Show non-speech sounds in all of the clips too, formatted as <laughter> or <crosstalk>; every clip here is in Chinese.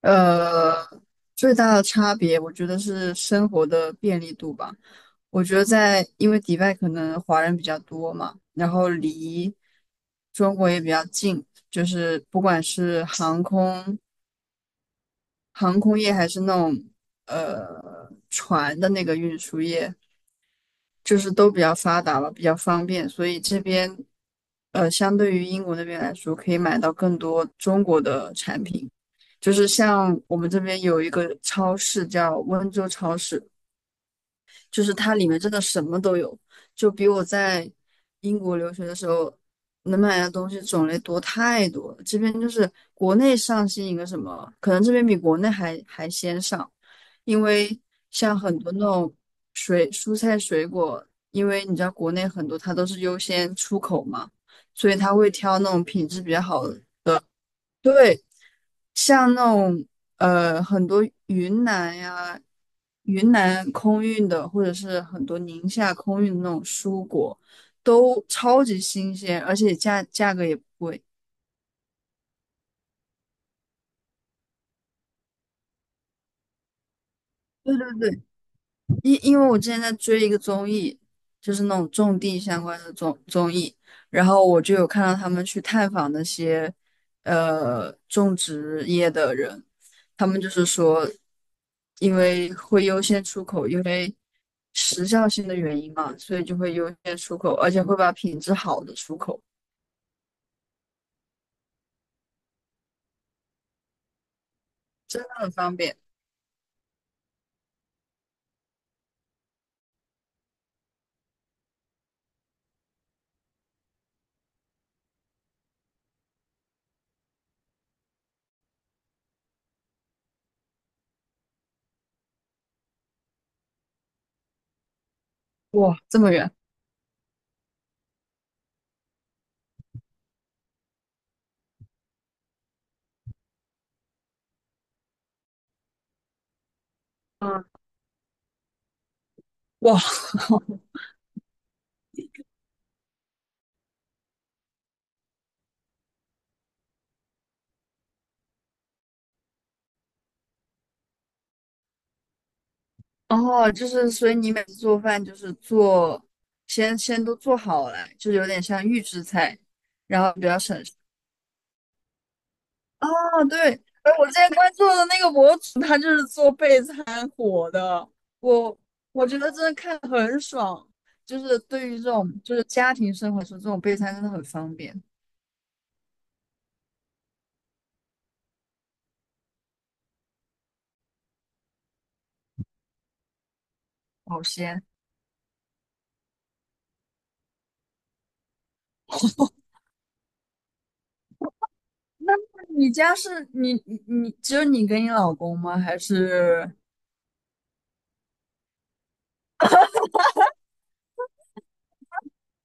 呃，最大的差别，我觉得是生活的便利度吧。我觉得在，因为迪拜可能华人比较多嘛，然后离中国也比较近，就是不管是航空业还是那种船的那个运输业，就是都比较发达了，比较方便，所以这边相对于英国那边来说，可以买到更多中国的产品。就是像我们这边有一个超市叫温州超市，就是它里面真的什么都有，就比我在英国留学的时候能买的东西种类多太多了。这边就是国内上新一个什么，可能这边比国内还先上，因为像很多那种水蔬菜水果，因为你知道国内很多它都是优先出口嘛，所以他会挑那种品质比较好的。对，像那种很多云南呀、云南空运的，或者是很多宁夏空运的那种蔬果，都超级新鲜，而且价格也不贵。对对对，因为我之前在追一个综艺，就是那种种地相关的综艺，然后我就有看到他们去探访那些种植业的人，他们就是说，因为会优先出口，因为时效性的原因嘛，所以就会优先出口，而且会把品质好的出口，真的很方便。哇，这么远，嗯，哇，<laughs> 哦，就是所以你每次做饭就是做，先都做好了，就有点像预制菜，然后比较省事。哦，对，哎，我之前关注的那个博主，他就是做备菜我觉得真的看得很爽，就是对于这种就是家庭生活中这种备餐真的很方便，保鲜。那你家是你只有你跟你老公吗？还是？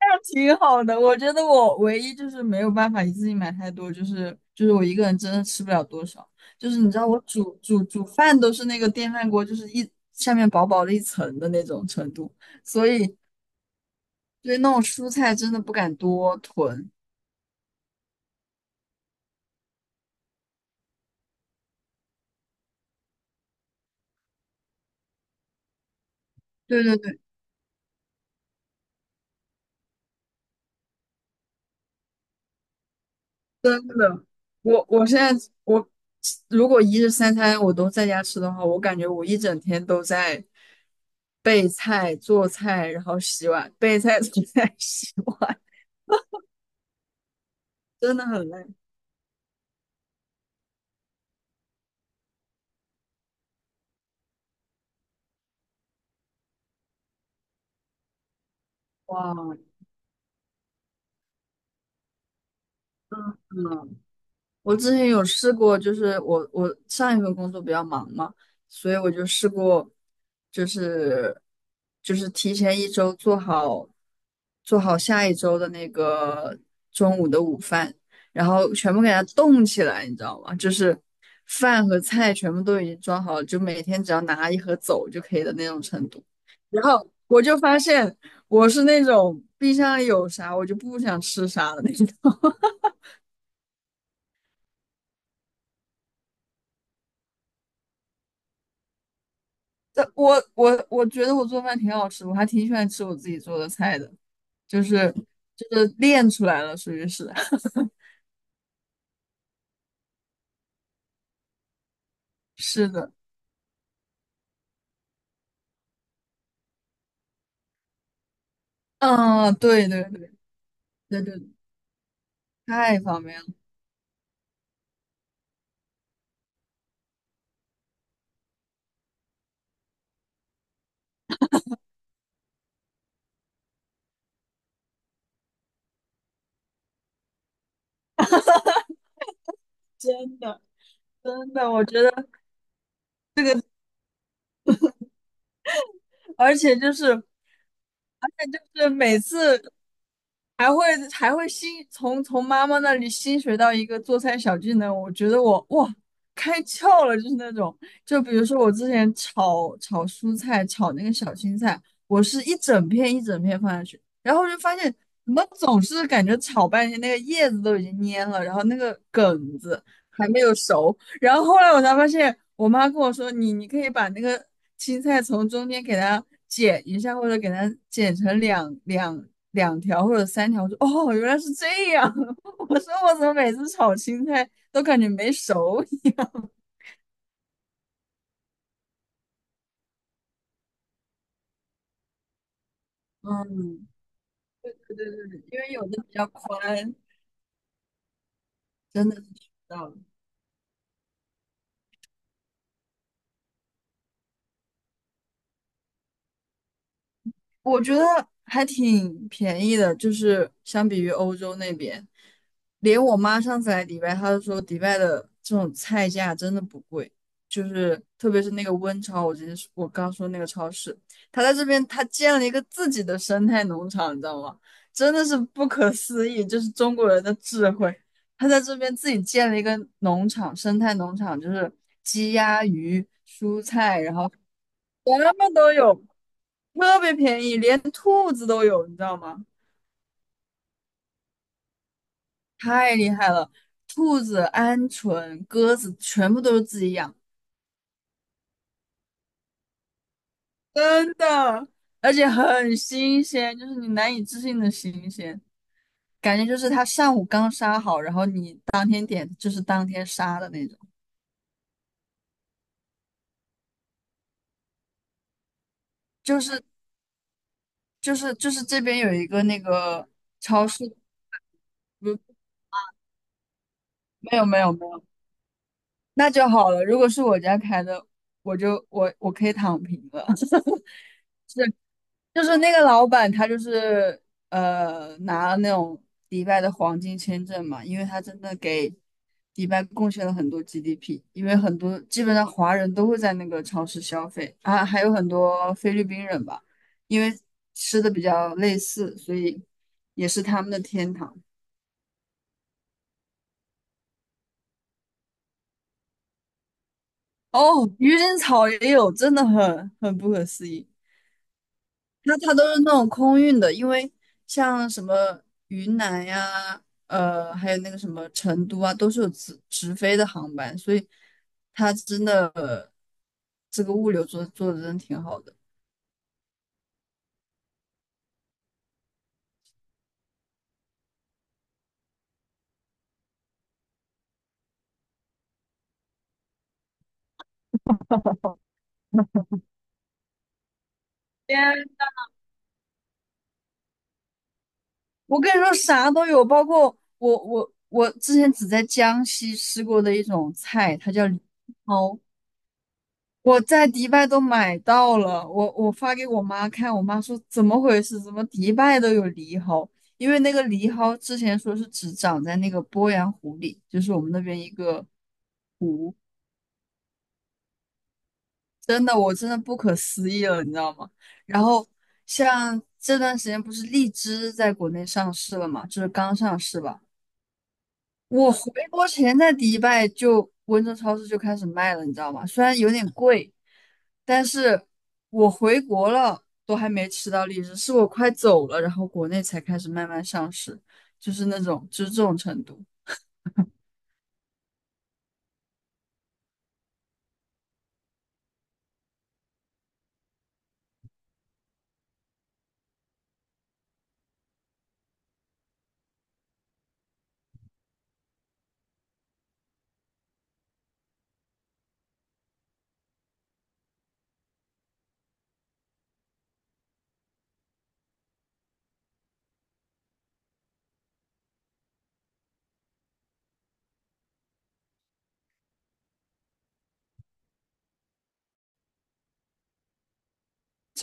那挺好的，我觉得我唯一就是没有办法一次性买太多，就是我一个人真的吃不了多少。就是你知道我煮饭都是那个电饭锅，就是一下面薄薄的一层的那种程度，所以对那种蔬菜真的不敢多囤。对对对。真的，我现在我如果一日三餐我都在家吃的话，我感觉我一整天都在备菜、做菜，然后洗碗，备菜、做菜、洗碗，真的很累。哇，嗯，我之前有试过，就是我上一份工作比较忙嘛，所以我就试过，就是就是提前一周做好做好下一周的那个中午的午饭，然后全部给它冻起来，你知道吗？就是饭和菜全部都已经装好了，就每天只要拿一盒走就可以的那种程度。然后我就发现我是那种冰箱里有啥我就不想吃啥的那种。我觉得我做饭挺好吃的，我还挺喜欢吃我自己做的菜的，就是就是练出来了，属于是 <laughs> 是的，嗯，对对对对对，太方便了，真的真的，我觉得，而且就是。就是每次还会还会新从妈妈那里新学到一个做菜小技能，我觉得我哇开窍了，就是那种，就比如说我之前炒蔬菜，炒那个小青菜，我是一整片一整片放下去，然后就发现怎么总是感觉炒半天那个叶子都已经蔫了，然后那个梗子还没有熟，然后后来我才发现，我妈跟我说，你可以把那个青菜从中间给它剪一下，或者给它剪成两条或者三条。我说哦，原来是这样。<laughs> 我说我怎么每次炒青菜都感觉没熟一样？嗯，对对对，因为有的比较宽，真的是学到了。我觉得还挺便宜的，就是相比于欧洲那边，连我妈上次来迪拜，她都说迪拜的这种菜价真的不贵，就是特别是那个温超，我直接说我刚说那个超市，她在这边她建了一个自己的生态农场，你知道吗？真的是不可思议，就是中国人的智慧，她在这边自己建了一个农场，生态农场，就是鸡鸭鱼、蔬菜，然后。什么都有，特别便宜，连兔子都有，你知道吗？太厉害了！兔子、鹌鹑、鸽子全部都是自己养，真的，而且很新鲜，就是你难以置信的新鲜，感觉就是它上午刚杀好，然后你当天点就是当天杀的那种，就是就是这边有一个那个超市，不，没有没有没有，那就好了。如果是我家开的，我就我我可以躺平了。就是那个老板，他就是拿了那种迪拜的黄金签证嘛，因为他真的给迪拜贡献了很多 GDP,因为很多基本上华人都会在那个超市消费啊，还有很多菲律宾人吧，因为吃的比较类似，所以也是他们的天堂。哦，愚人草也有，真的很不可思议。它都是那种空运的，因为像什么云南呀，还有那个什么成都啊，都是有直飞的航班，所以它真的，这个物流做的真的挺好的。天，我跟你说，啥都有，包括我之前只在江西吃过的一种菜，它叫藜蒿，我在迪拜都买到了，我发给我妈看，我妈说怎么回事？怎么迪拜都有藜蒿？因为那个藜蒿之前说是只长在那个鄱阳湖里，就是我们那边一个湖，真的我真的不可思议了，你知道吗？然后像这段时间不是荔枝在国内上市了嘛，就是刚上市吧。我回国前在迪拜就温州超市就开始卖了，你知道吗？虽然有点贵，但是我回国了都还没吃到荔枝，是我快走了，然后国内才开始慢慢上市，就是那种就是这种程度。